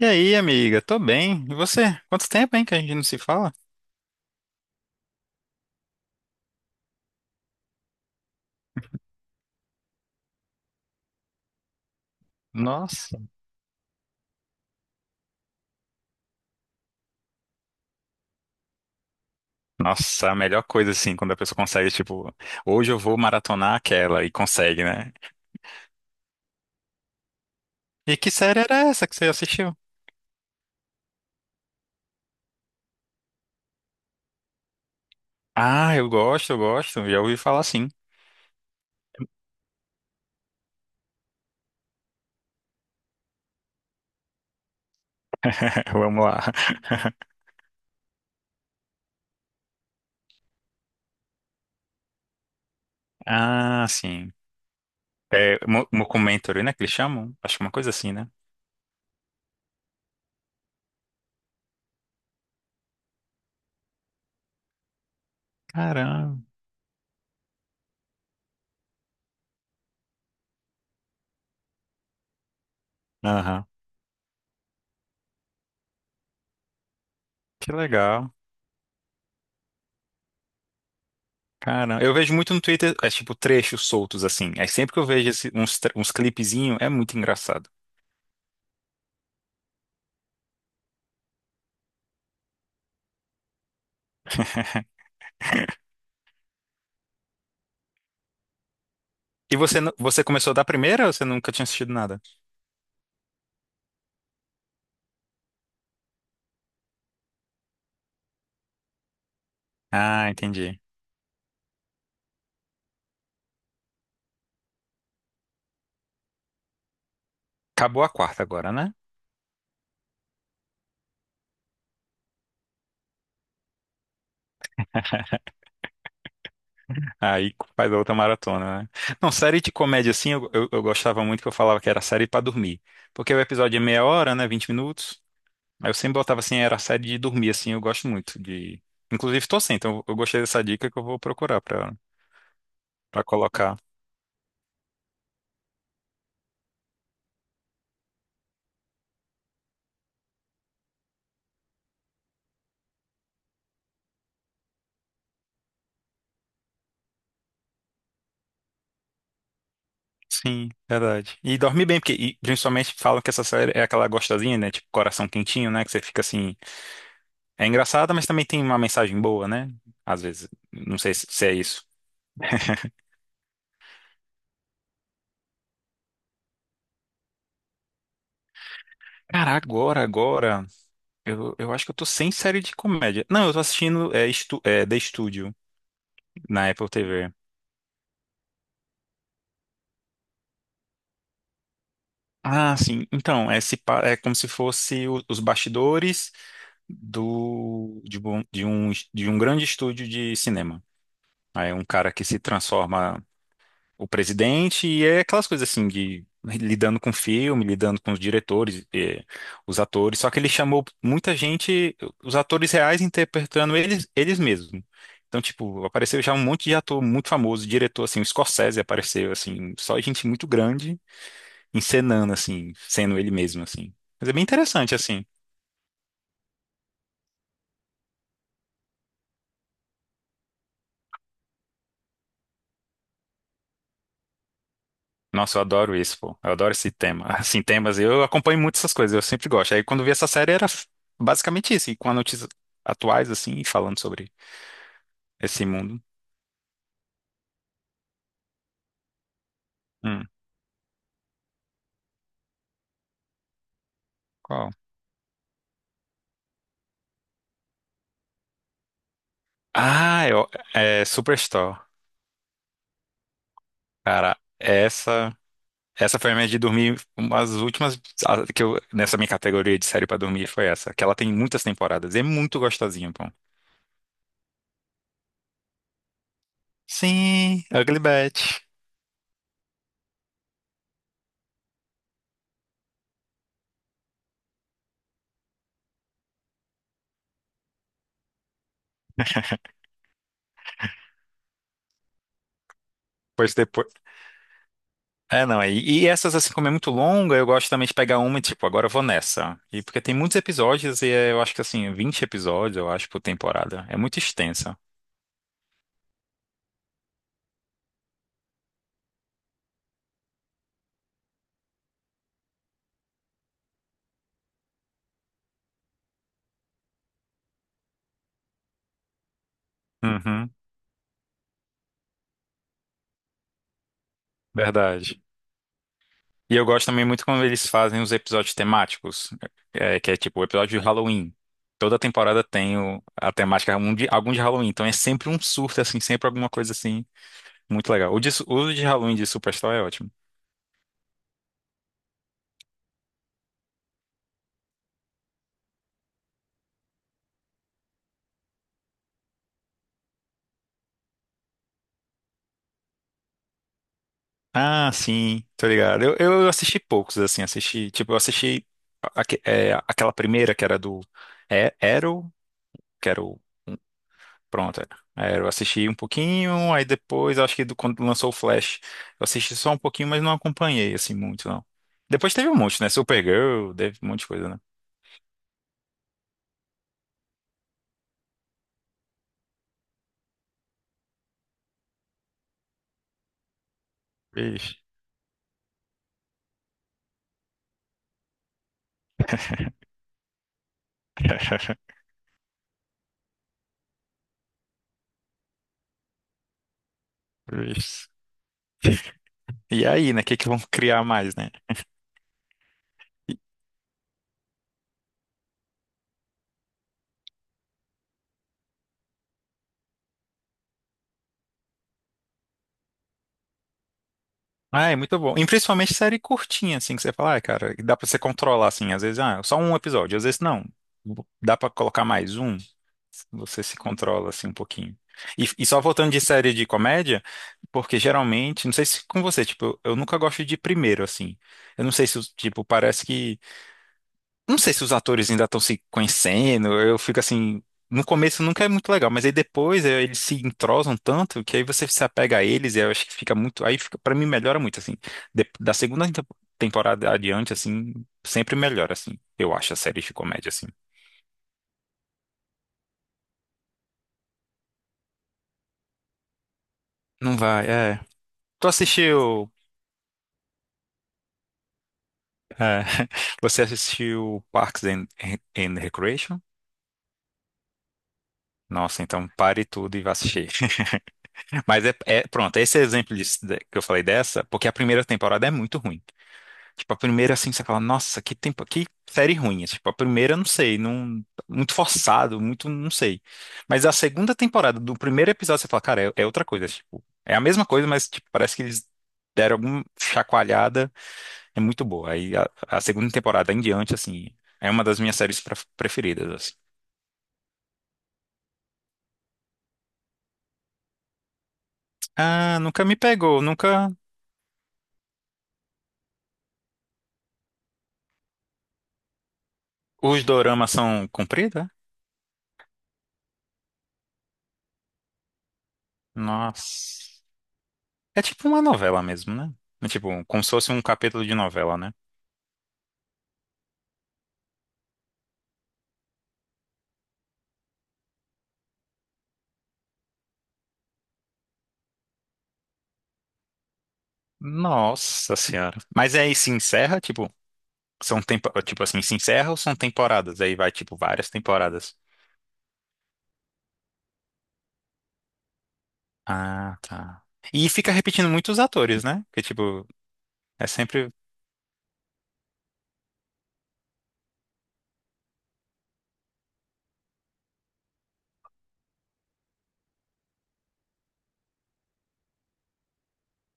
E aí, amiga? Tô bem. E você? Quanto tempo, hein, que a gente não se fala? Nossa. Nossa, a melhor coisa, assim, quando a pessoa consegue, tipo, hoje eu vou maratonar aquela e consegue, né? E que série era essa que você assistiu? Ah, eu gosto, eu gosto. Já ouvi falar sim. Vamos lá. Ah, sim. É, mockumentary, né, que eles chamam? Acho que é uma coisa assim, né? Caramba. Aham. Que legal. Caramba. Eu vejo muito no Twitter, é tipo trechos soltos, assim. Aí sempre que eu vejo uns, uns clipezinhos, é muito engraçado. E você, você começou da primeira ou você nunca tinha assistido nada? Ah, entendi. Acabou a quarta agora, né? Aí faz a outra maratona, né? Não, série de comédia assim, eu gostava muito que eu falava que era série pra dormir. Porque o episódio é meia hora, né? 20 minutos. Aí eu sempre botava assim, era série de dormir, assim, eu gosto muito de. Inclusive tô sem, então eu gostei dessa dica que eu vou procurar pra, pra colocar. Sim, verdade. E dorme bem, porque e, principalmente falam que essa série é aquela gostosinha, né? Tipo, coração quentinho, né? Que você fica assim. É engraçada, mas também tem uma mensagem boa, né? Às vezes. Não sei se é isso. Cara, agora, agora. Eu acho que eu tô sem série de comédia. Não, eu tô assistindo é, é, The Studio na Apple TV. Ah, sim. Então, é, se pa- é como se fosse os bastidores do, de, de um grande estúdio de cinema. Aí é um cara que se transforma o presidente, e é aquelas coisas assim de lidando com filme, lidando com os diretores, os atores, só que ele chamou muita gente, os atores reais interpretando eles, eles mesmos. Então, tipo, apareceu já um monte de ator muito famoso, diretor, assim, o Scorsese apareceu, assim, só gente muito grande encenando, assim, sendo ele mesmo, assim. Mas é bem interessante, assim. Nossa, eu adoro isso, pô. Eu adoro esse tema. Assim, temas, eu acompanho muito essas coisas, eu sempre gosto. Aí quando vi essa série era basicamente isso, e com as notícias atuais, assim, e falando sobre esse mundo. Hum, qual? Ah, eu, é Superstore. Cara, essa foi a minha de dormir, uma das últimas que eu, nessa minha categoria de série pra dormir foi essa, que ela tem muitas temporadas, e é muito gostosinha, pô. Sim, Ugly Betty. Pois depois é, não, e essas, assim, como é muito longa, eu gosto também de pegar uma e, tipo, agora eu vou nessa. E porque tem muitos episódios, e é, eu acho que, assim, vinte episódios, eu acho, por temporada. É muito extensa. Uhum, verdade. E eu gosto também muito quando eles fazem os episódios temáticos, é, que é tipo o episódio de Halloween. Toda temporada tem a temática algum de Halloween, então é sempre um surto, assim, sempre alguma coisa assim, muito legal. O de, o de Halloween de Superstore é ótimo. Ah, sim, tô ligado. Eu assisti poucos, assim, assisti, tipo, eu assisti é, aquela primeira que era do é, Arrow, que era o pronto, é. É, eu assisti um pouquinho, aí depois, acho que quando lançou o Flash, eu assisti só um pouquinho, mas não acompanhei, assim, muito, não. Depois teve um monte, né? Supergirl, teve um monte de coisa, né? Vixe. Vixe. E aí, né? O que que vão criar mais, né? Ah, é muito bom. E principalmente série curtinha, assim, que você fala, ah, cara, dá pra você controlar, assim, às vezes, ah, só um episódio, às vezes não. Dá pra colocar mais um, você se controla, assim, um pouquinho. E só voltando de série de comédia, porque geralmente, não sei se com você, tipo, eu nunca gosto de primeiro, assim. Eu não sei se, tipo, parece que não sei se os atores ainda estão se conhecendo, eu fico assim. No começo nunca é muito legal, mas aí depois eles se entrosam tanto que aí você se apega a eles e eu acho que fica muito. Aí fica, para mim melhora muito, assim. Da segunda temporada adiante, assim, sempre melhora, assim. Eu acho a série de comédia, assim. Não vai, é. Tu assistiu. É, você assistiu Parks and Recreation? Nossa, então pare tudo e vá assistir. Mas é, pronto, esse exemplo disso, que eu falei dessa, porque a primeira temporada é muito ruim. Tipo, a primeira, assim, você fala, nossa, que tempo, que série ruim. É, tipo, a primeira, eu não sei, não, muito forçado, muito, não sei. Mas a segunda temporada, do primeiro episódio, você fala, cara, é, é outra coisa, é, tipo, é a mesma coisa, mas, tipo, parece que eles deram alguma chacoalhada, é muito boa. Aí, a segunda temporada em diante, assim, é uma das minhas séries preferidas, assim. Ah, nunca me pegou, nunca... Os doramas são compridos, é? Nossa. É tipo uma novela mesmo, né? É tipo, como se fosse um capítulo de novela, né? Nossa senhora. Mas aí se encerra, tipo, são tempo, tipo assim, se encerra ou são temporadas? Aí vai, tipo, várias temporadas. Ah, tá. E fica repetindo muitos atores, né? Porque, tipo, é sempre.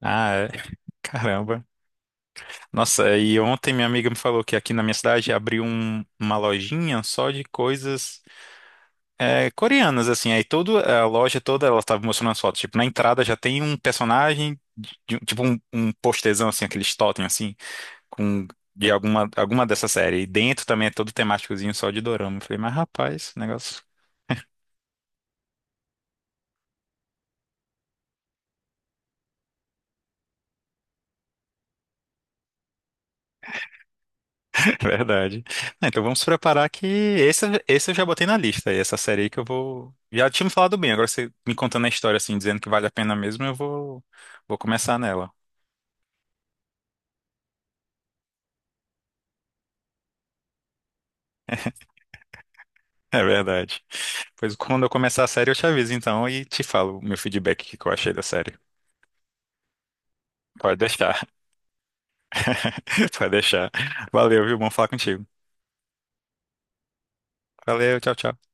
Ah, é. Caramba. Nossa, e ontem minha amiga me falou que aqui na minha cidade abriu uma lojinha só de coisas é, coreanas, assim. Aí toda a loja toda, ela tava mostrando as fotos. Tipo, na entrada já tem um personagem, um, tipo um, um postezão, assim, aqueles totem, assim, com de alguma, alguma dessa série. E dentro também é todo temáticozinho só de dorama. Eu falei, mas rapaz, negócio. Verdade. Ah, então vamos preparar que esse eu já botei na lista. E essa série aí que eu vou. Já tinha me falado bem, agora você me contando a história assim, dizendo que vale a pena mesmo, eu vou, vou começar nela. É verdade. Pois quando eu começar a série, eu te aviso então e te falo o meu feedback, o que que eu achei da série. Pode deixar. Pode deixar. Valeu, viu? Bom falar contigo. Valeu, tchau, tchau.